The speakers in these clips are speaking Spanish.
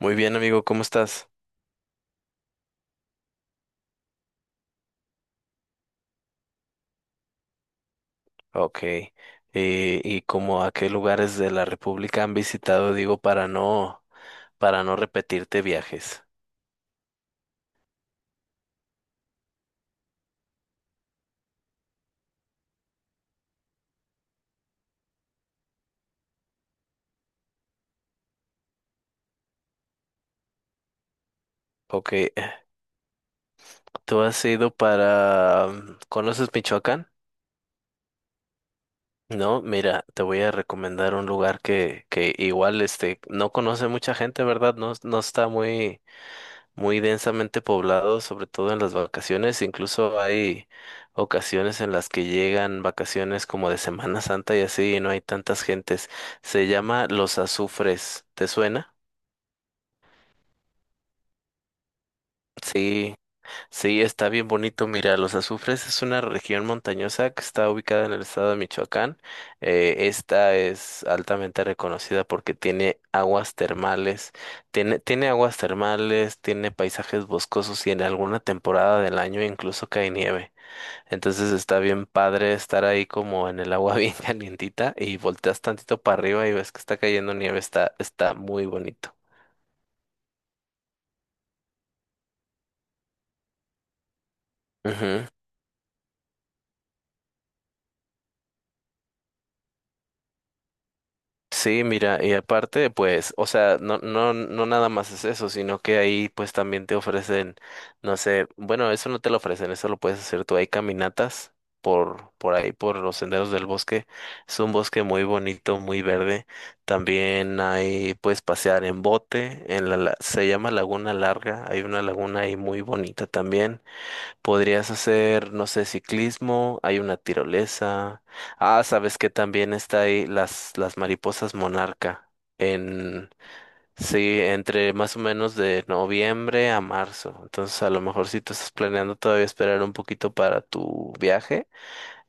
Muy bien, amigo, ¿cómo estás? Ok. ¿Y cómo a qué lugares de la República han visitado, digo, para no repetirte viajes? Ok. ¿Tú has ido para... mm, ¿Conoces Michoacán? No, mira, te voy a recomendar un lugar que igual, este, no conoce mucha gente, ¿verdad? No, no está muy densamente poblado, sobre todo en las vacaciones. Incluso hay ocasiones en las que llegan vacaciones como de Semana Santa y así, y no hay tantas gentes. Se llama Los Azufres. ¿Te suena? Sí. Sí, está bien bonito. Mira, Los Azufres es una región montañosa que está ubicada en el estado de Michoacán. Esta es altamente reconocida porque tiene aguas termales, tiene aguas termales, tiene paisajes boscosos y en alguna temporada del año incluso cae nieve. Entonces está bien padre estar ahí como en el agua bien calientita y volteas tantito para arriba y ves que está cayendo nieve. Está, está muy bonito. Ujú. Sí, mira, y aparte, pues, o sea, no, no, no nada más es eso, sino que ahí pues también te ofrecen, no sé, bueno, eso no te lo ofrecen, eso lo puedes hacer tú. Hay caminatas por ahí, por los senderos del bosque. Es un bosque muy bonito, muy verde. También hay, puedes pasear en bote, se llama Laguna Larga, hay una laguna ahí muy bonita también. Podrías hacer, no sé, ciclismo, hay una tirolesa. Ah, sabes que también está ahí las mariposas monarca. En, sí, entre más o menos de noviembre a marzo. Entonces, a lo mejor si tú estás planeando todavía esperar un poquito para tu viaje,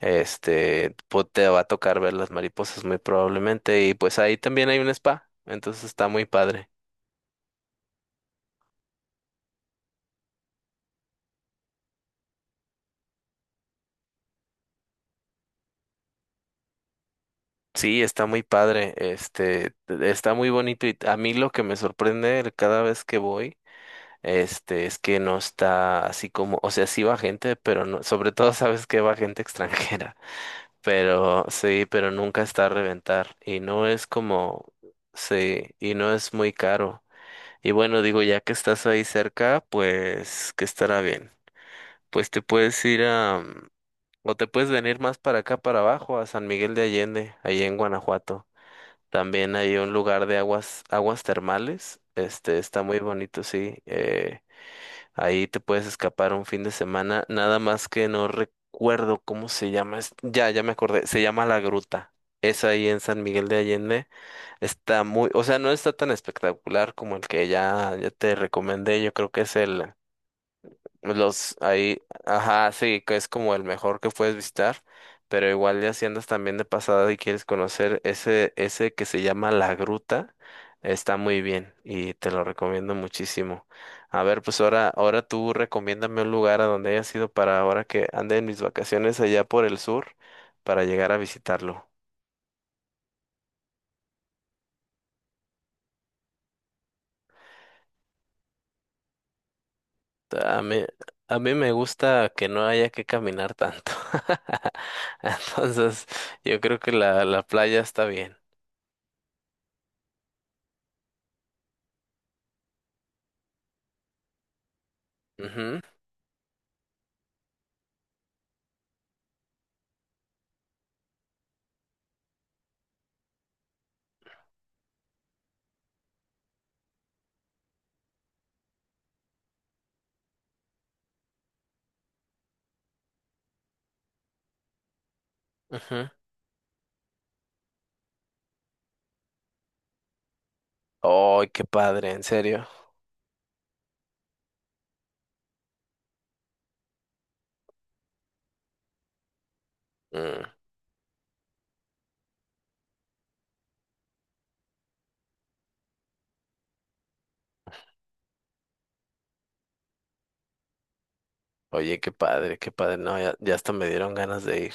este, te va a tocar ver las mariposas muy probablemente. Y pues ahí también hay un spa. Entonces está muy padre. Sí, está muy padre, este, está muy bonito y a mí lo que me sorprende cada vez que voy. Este, es que no está así como, o sea, sí va gente, pero no, sobre todo sabes que va gente extranjera, pero sí, pero nunca está a reventar y no es como, sí, y no es muy caro. Y bueno, digo, ya que estás ahí cerca, pues que estará bien. Pues te puedes ir a, o te puedes venir más para acá, para abajo, a San Miguel de Allende, ahí en Guanajuato. También hay un lugar de aguas, aguas termales, este, está muy bonito, sí. Ahí te puedes escapar un fin de semana, nada más que no recuerdo cómo se llama. Ya, ya me acordé, se llama La Gruta. Es ahí en San Miguel de Allende. Está muy, o sea, no está tan espectacular como el que ya, ya te recomendé. Yo creo que es el los ahí, ajá, sí, que es como el mejor que puedes visitar, pero igual ya si andas también de pasada y quieres conocer ese, ese que se llama La Gruta, está muy bien y te lo recomiendo muchísimo. A ver, pues ahora tú recomiéndame un lugar a donde hayas ido para ahora que ande en mis vacaciones allá por el sur para llegar a visitarlo. A mí, a mí me gusta que no haya que caminar tanto. Entonces, yo creo que la playa está bien. Ujú. Ujú. ¡Ay, qué padre! ¿En serio? Mm, Oye, qué padre, qué padre. No, ya, ya hasta me dieron ganas de ir.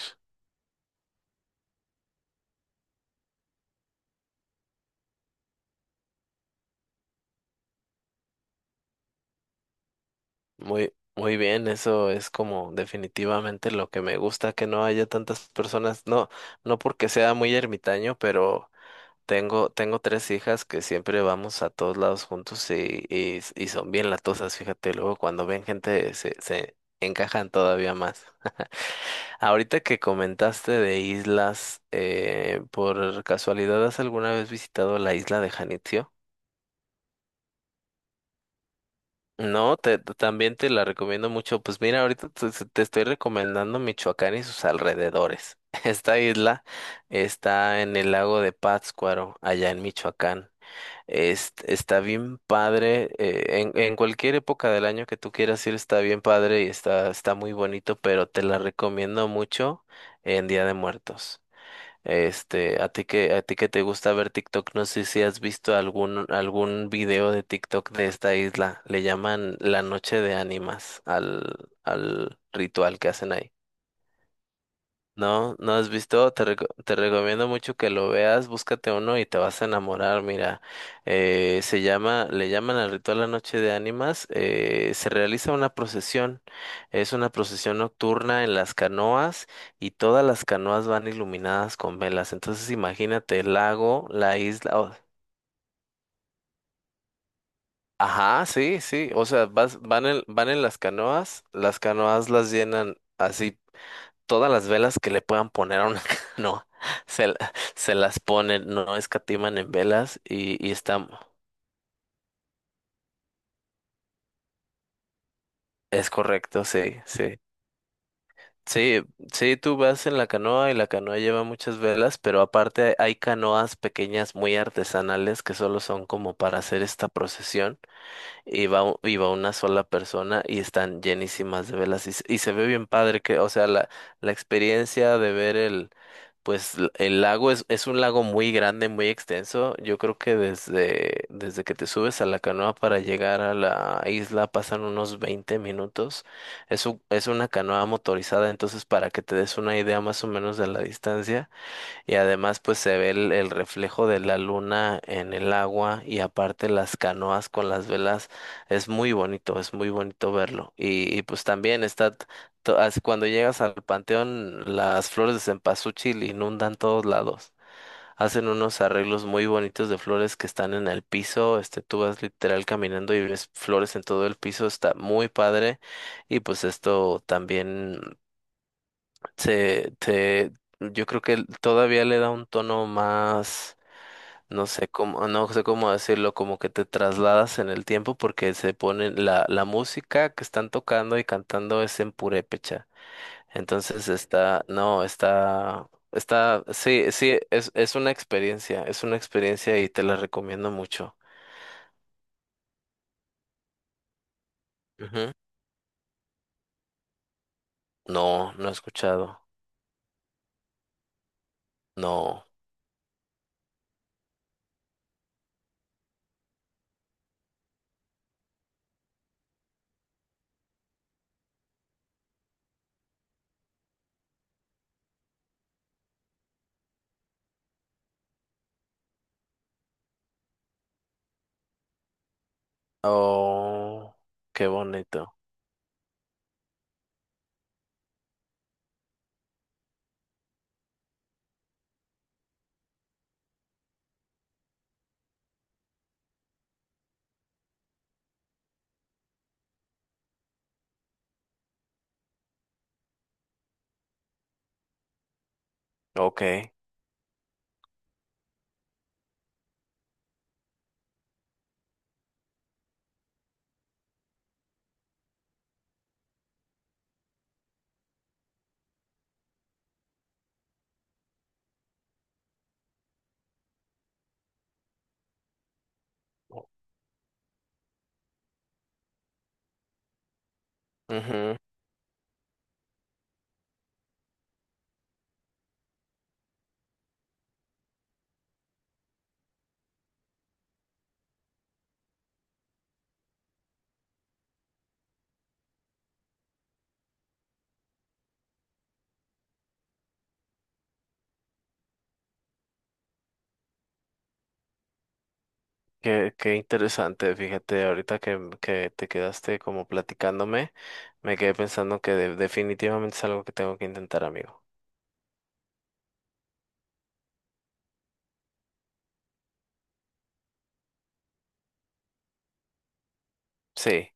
Muy, muy bien, eso es como definitivamente lo que me gusta, que no haya tantas personas. No, no porque sea muy ermitaño, pero tengo, tengo tres hijas que siempre vamos a todos lados juntos y son bien latosas, fíjate. Luego cuando ven gente se encajan todavía más. Ahorita que comentaste de islas, ¿por casualidad has alguna vez visitado la isla de Janitzio? No, también te la recomiendo mucho. Pues mira, ahorita te estoy recomendando Michoacán y sus alrededores. Esta isla está en el lago de Pátzcuaro, allá en Michoacán. Está bien padre. En cualquier época del año que tú quieras ir, está bien padre y está, está muy bonito, pero te la recomiendo mucho en Día de Muertos. Este, a ti que te gusta ver TikTok, no sé si has visto algún video de TikTok de esta isla. Le llaman la noche de ánimas al ritual que hacen ahí. No, no has visto, te recomiendo mucho que lo veas, búscate uno y te vas a enamorar, mira, le llaman al ritual La Noche de Ánimas, se realiza una procesión, es una procesión nocturna en las canoas y todas las canoas van iluminadas con velas, entonces imagínate el lago, la isla, ajá, sí, sí, o sea, van en las canoas, las canoas las llenan así. Todas las velas que le puedan poner a una canoa, se las ponen, no escatiman en velas y está, es correcto, sí, sí. Sí, sí, tú vas en la canoa y la canoa lleva muchas velas, pero aparte hay canoas pequeñas muy artesanales que solo son como para hacer esta procesión y va, y va una sola persona y están llenísimas de velas y, y se ve bien padre que, o sea, la experiencia de ver el, pues el lago es un lago muy grande, muy extenso. Yo creo que desde que te subes a la canoa para llegar a la isla pasan unos 20 minutos. Es una canoa motorizada, entonces para que te des una idea más o menos de la distancia. Y además pues se ve el reflejo de la luna en el agua y aparte las canoas con las velas. Es muy bonito verlo. Y, pues también está, cuando llegas al panteón, las flores de cempasúchil inundan todos lados. Hacen unos arreglos muy bonitos de flores que están en el piso. Este, tú vas literal caminando y ves flores en todo el piso. Está muy padre. Y pues esto también te, te, yo creo que todavía le da un tono más, no sé cómo, no sé cómo decirlo, como que te trasladas en el tiempo porque se pone la música que están tocando y cantando es en purépecha. Entonces está, no, está, está, sí, sí, es una experiencia y te la recomiendo mucho. Ujú. No, no he escuchado. No. Oh, qué bonito. Ok. Ujú. Qué, qué interesante, fíjate, ahorita que te quedaste como platicándome, me quedé pensando que definitivamente es algo que tengo que intentar, amigo. Sí,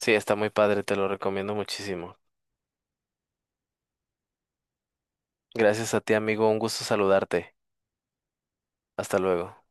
sí, está muy padre, te lo recomiendo muchísimo. Gracias a ti, amigo, un gusto saludarte. Hasta luego.